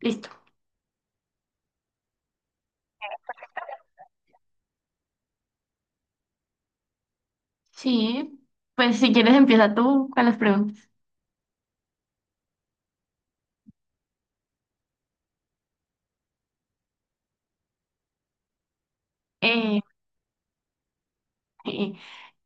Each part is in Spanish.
Listo. Sí, pues si quieres empieza tú con las preguntas. Eh, eh,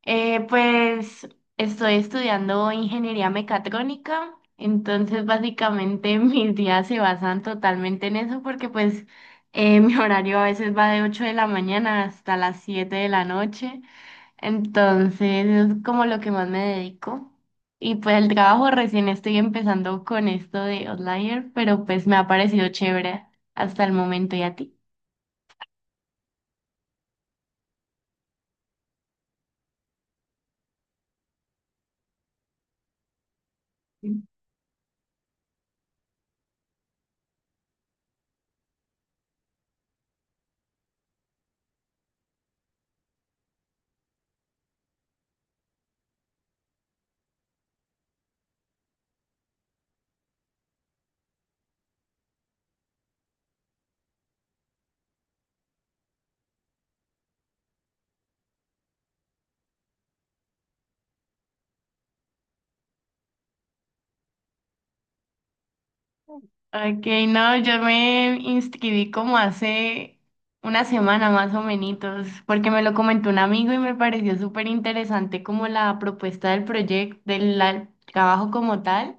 eh, pues estoy estudiando ingeniería mecatrónica, entonces básicamente mis días se basan totalmente en eso porque mi horario a veces va de 8 de la mañana hasta las 7 de la noche, entonces es como lo que más me dedico. Y pues el trabajo recién estoy empezando con esto de Outlier, pero pues me ha parecido chévere hasta el momento. ¿Y a ti? Ok, no, yo me inscribí como hace una semana más o menos, porque me lo comentó un amigo y me pareció súper interesante como la propuesta del proyecto, trabajo como tal.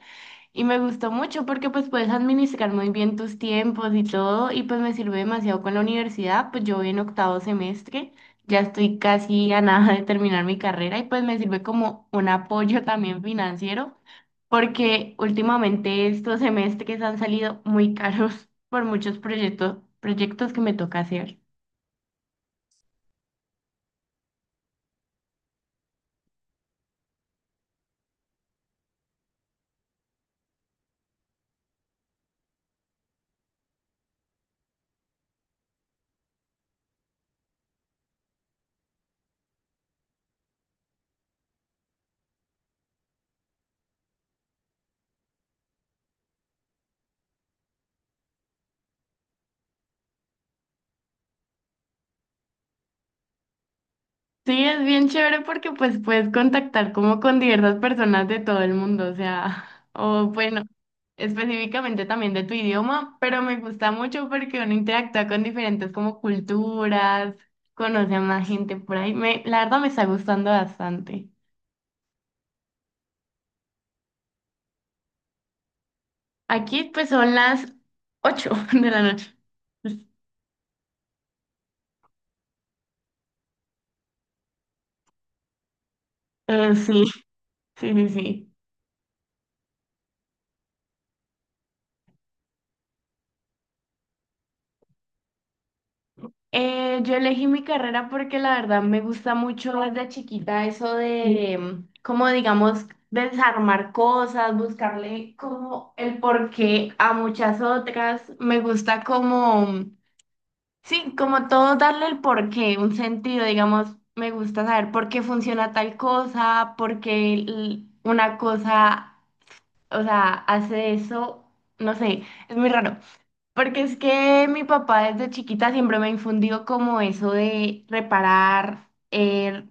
Y me gustó mucho porque pues puedes administrar muy bien tus tiempos y todo y pues me sirve demasiado con la universidad, pues yo voy en octavo semestre, ya estoy casi a nada de terminar mi carrera y pues me sirve como un apoyo también financiero porque últimamente estos semestres han salido muy caros por muchos proyectos que me toca hacer. Sí, es bien chévere porque pues puedes contactar como con diversas personas de todo el mundo, o sea, o bueno, específicamente también de tu idioma, pero me gusta mucho porque uno interactúa con diferentes como culturas, conoce a más gente por ahí. La verdad me está gustando bastante. Aquí pues son las 8 de la noche. Sí, sí, sí, sí. Yo elegí mi carrera porque la verdad me gusta mucho desde chiquita eso de, como digamos, desarmar cosas, buscarle como el porqué a muchas otras. Me gusta como, sí, como todo darle el porqué, un sentido, digamos, me gusta saber por qué funciona tal cosa, una cosa o sea, hace eso, no sé, es muy raro. Porque es que mi papá desde chiquita siempre me infundió como eso de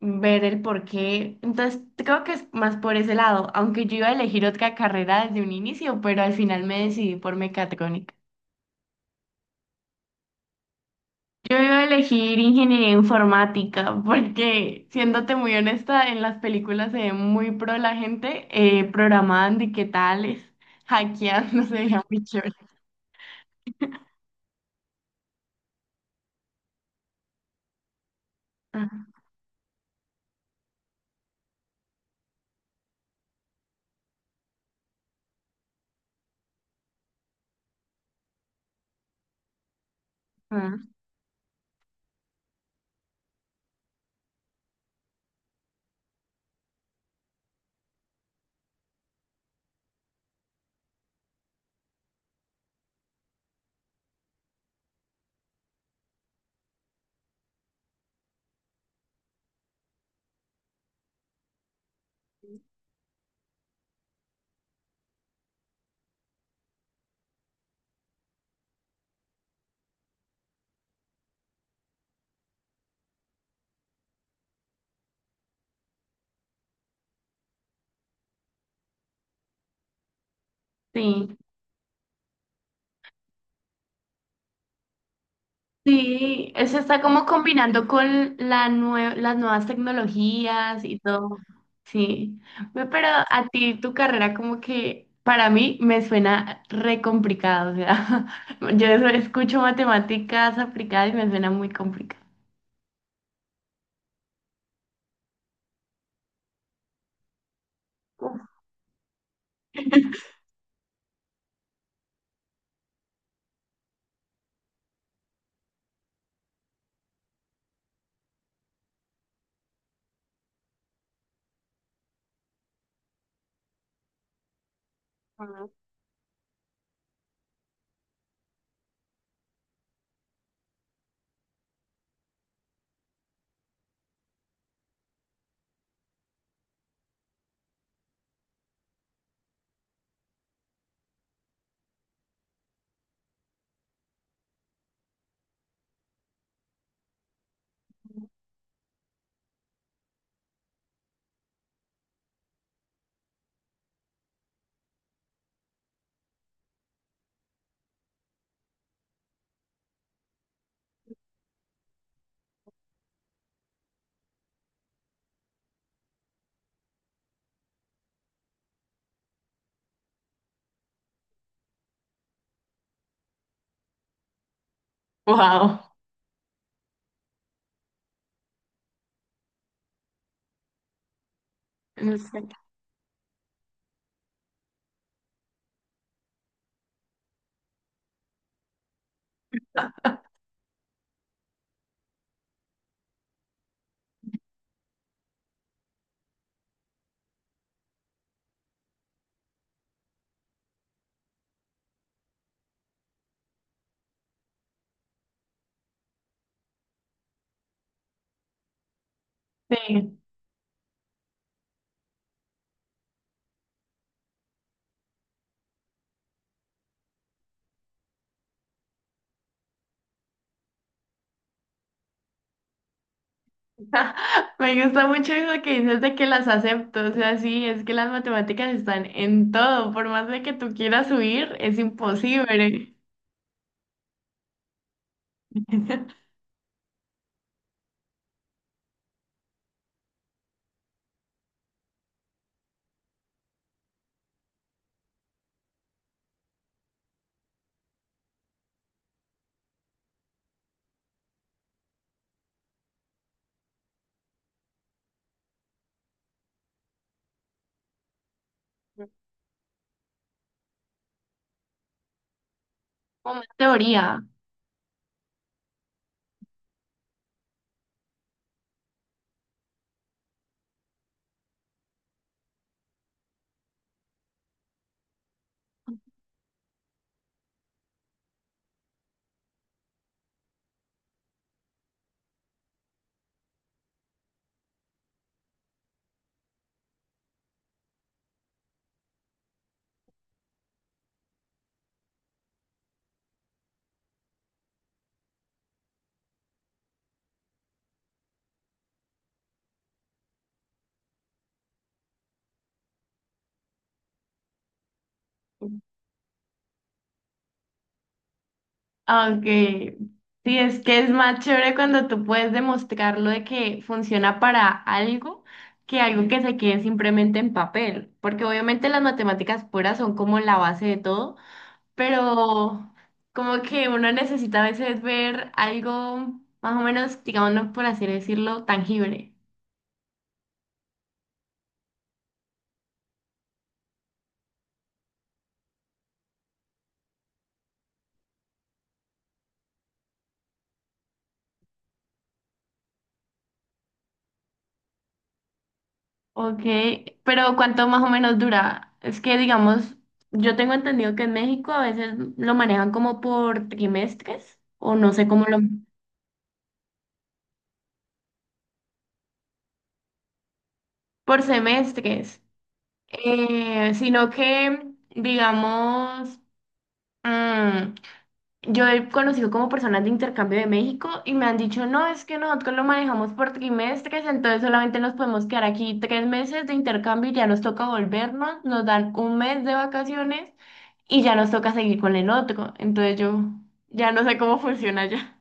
ver el porqué. Entonces creo que es más por ese lado, aunque yo iba a elegir otra carrera desde un inicio, pero al final me decidí por mecatrónica. Yo iba a elegir ingeniería informática porque, siéndote muy honesta, en las películas se ve muy pro la gente programando y qué tales, hackeando, se veía mucho. Ajá, sí, sí, eso está como combinando con las nuevas tecnologías y todo, sí. Ve, pero a ti tu carrera como que para mí me suena re complicado, o sea, yo eso escucho matemáticas aplicadas y me suena muy complicado. Wow. Sí. Me gusta mucho eso que dices de que las acepto, o sea, sí, es que las matemáticas están en todo, por más de que tú quieras subir, es imposible. Como más teoría, aunque sí, es que es más chévere cuando tú puedes demostrarlo de que funciona para algo que se quede simplemente en papel, porque obviamente las matemáticas puras son como la base de todo, pero como que uno necesita a veces ver algo más o menos, digamos, no por así decirlo, tangible. Ok, pero ¿cuánto más o menos dura? Es que, digamos, yo tengo entendido que en México a veces lo manejan como por trimestres, o no sé cómo lo... por semestres. Sino que, digamos, mm, yo he conocido como personas de intercambio de México y me han dicho, no, es que nosotros lo manejamos por trimestres, entonces solamente nos podemos quedar aquí tres meses de intercambio y ya nos toca volvernos, nos dan un mes de vacaciones y ya nos toca seguir con el otro. Entonces yo ya no sé cómo funciona ya.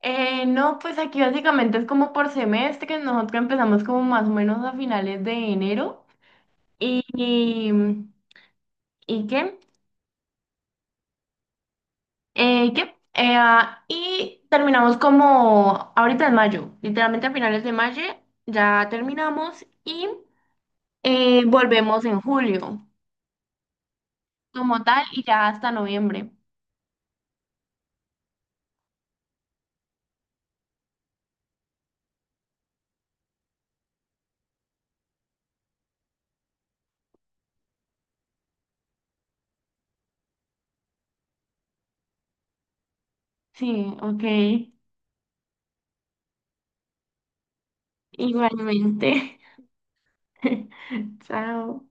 No, pues aquí básicamente es como por semestres, nosotros empezamos como más o menos a finales de enero y, y, ¿y qué? Eh, ¿qué? Y terminamos como ahorita en mayo, literalmente a finales de mayo ya terminamos y volvemos en julio como tal y ya hasta noviembre. Sí, ok, igualmente. Chao.